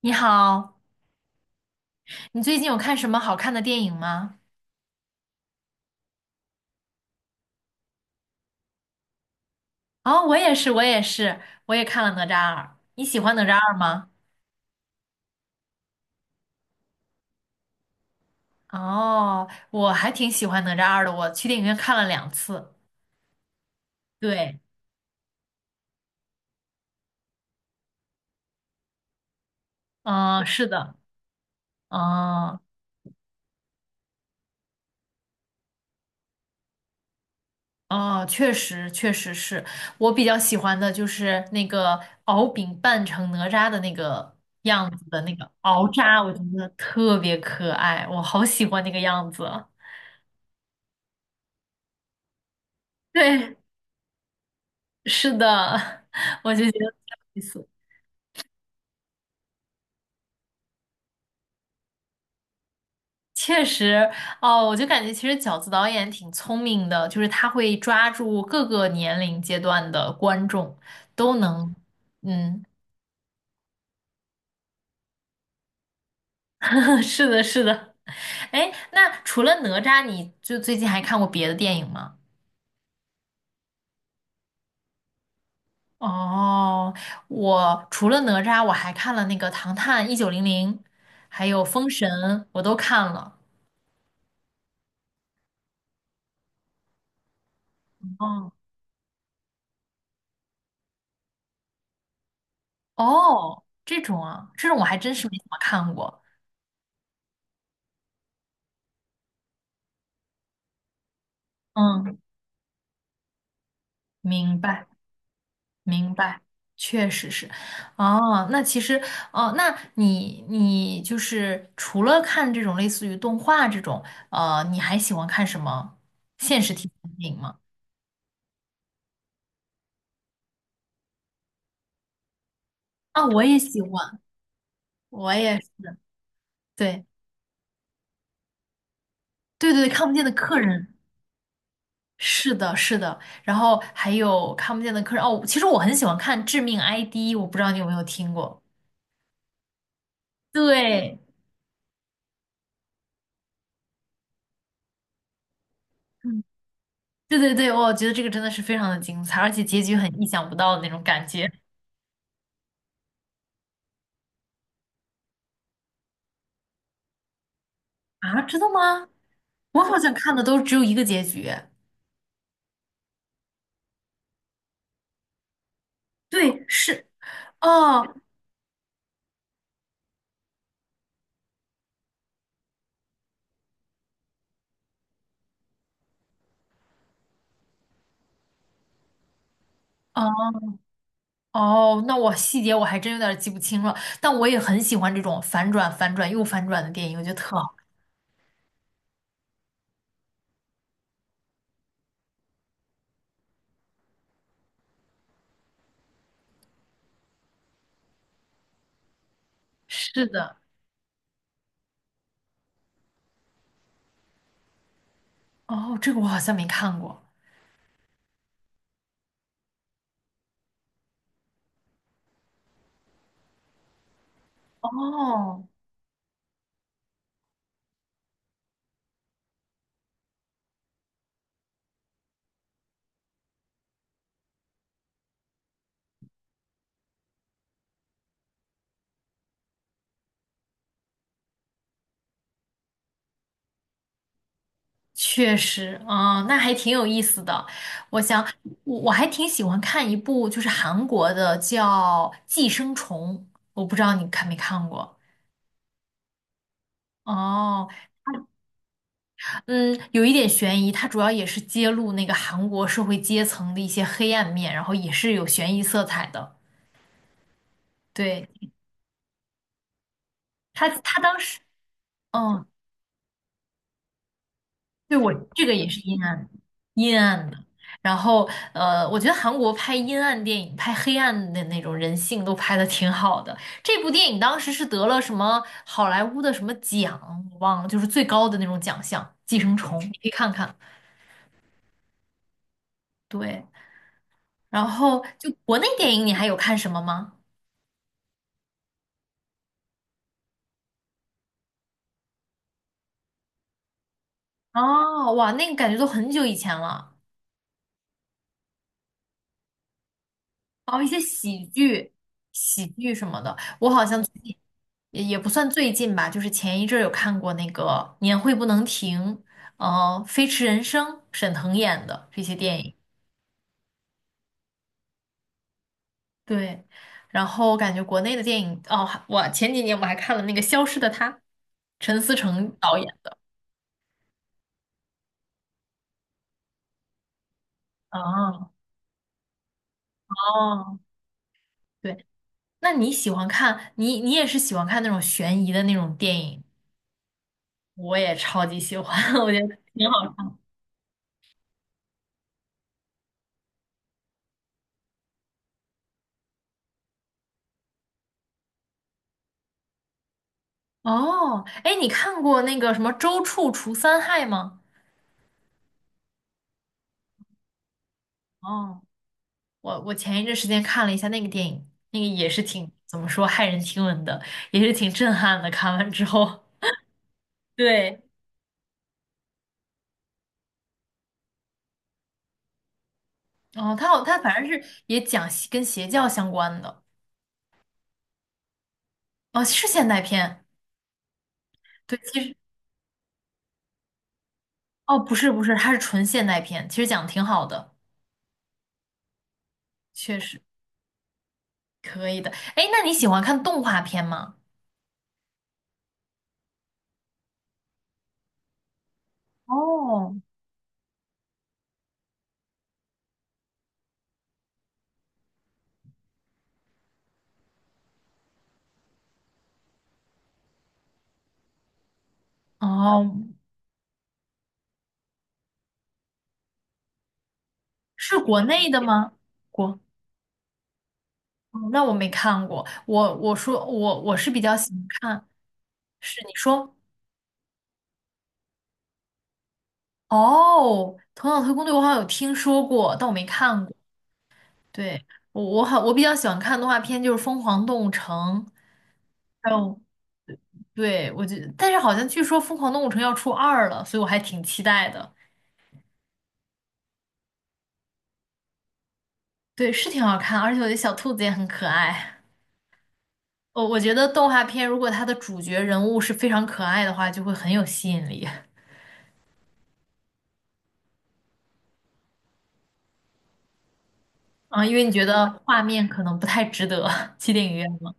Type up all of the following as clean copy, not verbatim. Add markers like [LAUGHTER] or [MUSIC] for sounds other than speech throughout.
你好，你最近有看什么好看的电影吗？哦，我也是，我也是，我也看了《哪吒二》。你喜欢哪吒二吗？哦，我还挺喜欢哪吒二的，我去电影院看了2次。对，嗯，是的，嗯，哦，确实，确实是我比较喜欢的就是那个敖丙扮成哪吒的那个样子的那个敖吒，我觉得特别可爱，我好喜欢那个样子。对，是的，[LAUGHS] 我就觉得挺有意思。确实，哦，我就感觉其实饺子导演挺聪明的，就是他会抓住各个年龄阶段的观众，都能，嗯，[LAUGHS] 是的，是的。哎，那除了哪吒，你就最近还看过别的电影吗？哦，我除了哪吒，我还看了那个《唐探一九零零》，还有《封神》，我都看了。哦，哦，这种啊，这种我还真是没怎么看过。嗯。明白，明白，确实是。哦，那其实，哦，那你就是除了看这种类似于动画这种，你还喜欢看什么现实题材电影吗？啊，我也喜欢，我也是。对，对对对，看不见的客人，是的，是的。然后还有看不见的客人，哦，其实我很喜欢看《致命 ID》，我不知道你有没有听过。对，嗯，对对对，我觉得这个真的是非常的精彩，而且结局很意想不到的那种感觉。啊，真的吗？我好像看的都只有一个结局。对，是，哦哦哦，那我细节我还真有点记不清了，但我也很喜欢这种反转、反转又反转的电影，我觉得特好。是的，哦，这个我好像没看过。哦，确实，啊，那还挺有意思的。我想，我还挺喜欢看一部就是韩国的叫《寄生虫》，我不知道你看没看过。哦。嗯，有一点悬疑，它主要也是揭露那个韩国社会阶层的一些黑暗面，然后也是有悬疑色彩的。对，他当时，嗯，对我这个也是阴暗的。然后，我觉得韩国拍阴暗电影、拍黑暗的那种人性都拍的挺好的。这部电影当时是得了什么好莱坞的什么奖，我忘了，就是最高的那种奖项《寄生虫》，你可以看看。对，然后就国内电影，你还有看什么吗？哦，哇，那个感觉都很久以前了。哦，一些喜剧什么的，我好像最近也不算最近吧，就是前一阵儿有看过那个《年会不能停》，呃，《飞驰人生》，沈腾演的这些电影。对，然后我感觉国内的电影，哦，还我前几年我还看了那个《消失的她》，陈思诚导演的。哦哦，对，那你喜欢看，你也是喜欢看那种悬疑的那种电影？我也超级喜欢，[LAUGHS] 我觉得挺好看。哦，哎，你看过那个什么《周处除三害》吗？哦，我前一阵时间看了一下那个电影，那个也是挺怎么说骇人听闻的，也是挺震撼的。看完之后，[LAUGHS] 对，哦，他反正是也讲邪跟邪教相关的，哦，是现代片，对，其实哦不是不是，它是纯现代片，其实讲的挺好的，确实可以的。哎，那你喜欢看动画片吗？哦，哦，是国内的吗？国，哦那我没看过。我说我是比较喜欢看，是你说哦，《头脑特工队》我好像有听说过，但我没看过。对，我比较喜欢看动画片，就是《疯狂动物城》，还有对我觉得，但是好像据说《疯狂动物城》要出二了，所以我还挺期待的。对，是挺好看，而且我觉得小兔子也很可爱。我觉得动画片如果它的主角人物是非常可爱的话，就会很有吸引力。啊，因为你觉得画面可能不太值得 [LAUGHS] 去电影院吗？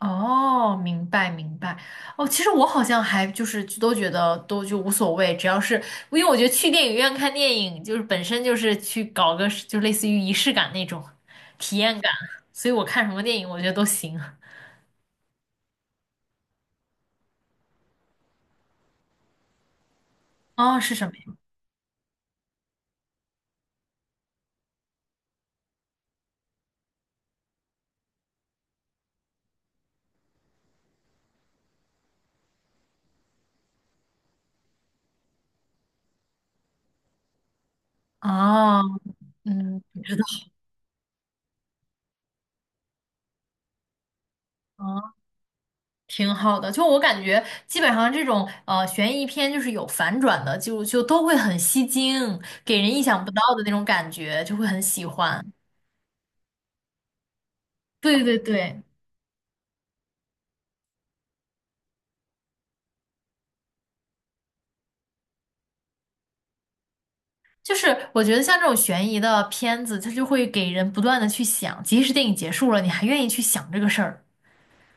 哦，明白明白。哦，其实我好像还就是都觉得都就无所谓，只要是因为我觉得去电影院看电影就是本身就是去搞个就类似于仪式感那种体验感，所以我看什么电影我觉得都行。哦，是什么呀？哦，嗯，不知道。挺好的，就我感觉，基本上这种悬疑片就是有反转的，就都会很吸睛，给人意想不到的那种感觉，就会很喜欢。对对对，就是我觉得像这种悬疑的片子，它就会给人不断的去想，即使电影结束了，你还愿意去想这个事儿，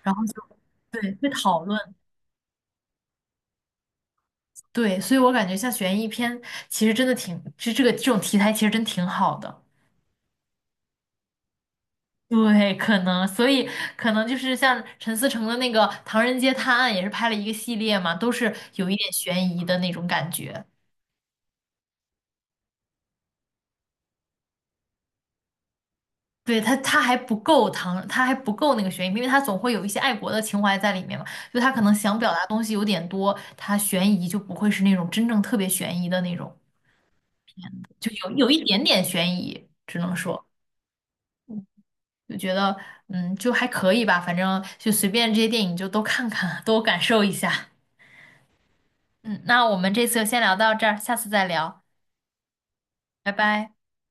然后就对会讨论，对，所以我感觉像悬疑片其实真的挺，这种题材其实真挺好的。对，可能，所以可能就是像陈思诚的那个《唐人街探案》，也是拍了一个系列嘛，都是有一点悬疑的那种感觉。对，他还不够唐，他还不够那个悬疑，因为他总会有一些爱国的情怀在里面嘛。就他可能想表达东西有点多，他悬疑就不会是那种真正特别悬疑的那种，就有一点点悬疑，只能说就觉得就还可以吧，反正就随便这些电影就都看看，都感受一下。嗯，那我们这次就先聊到这儿，下次再聊。拜拜。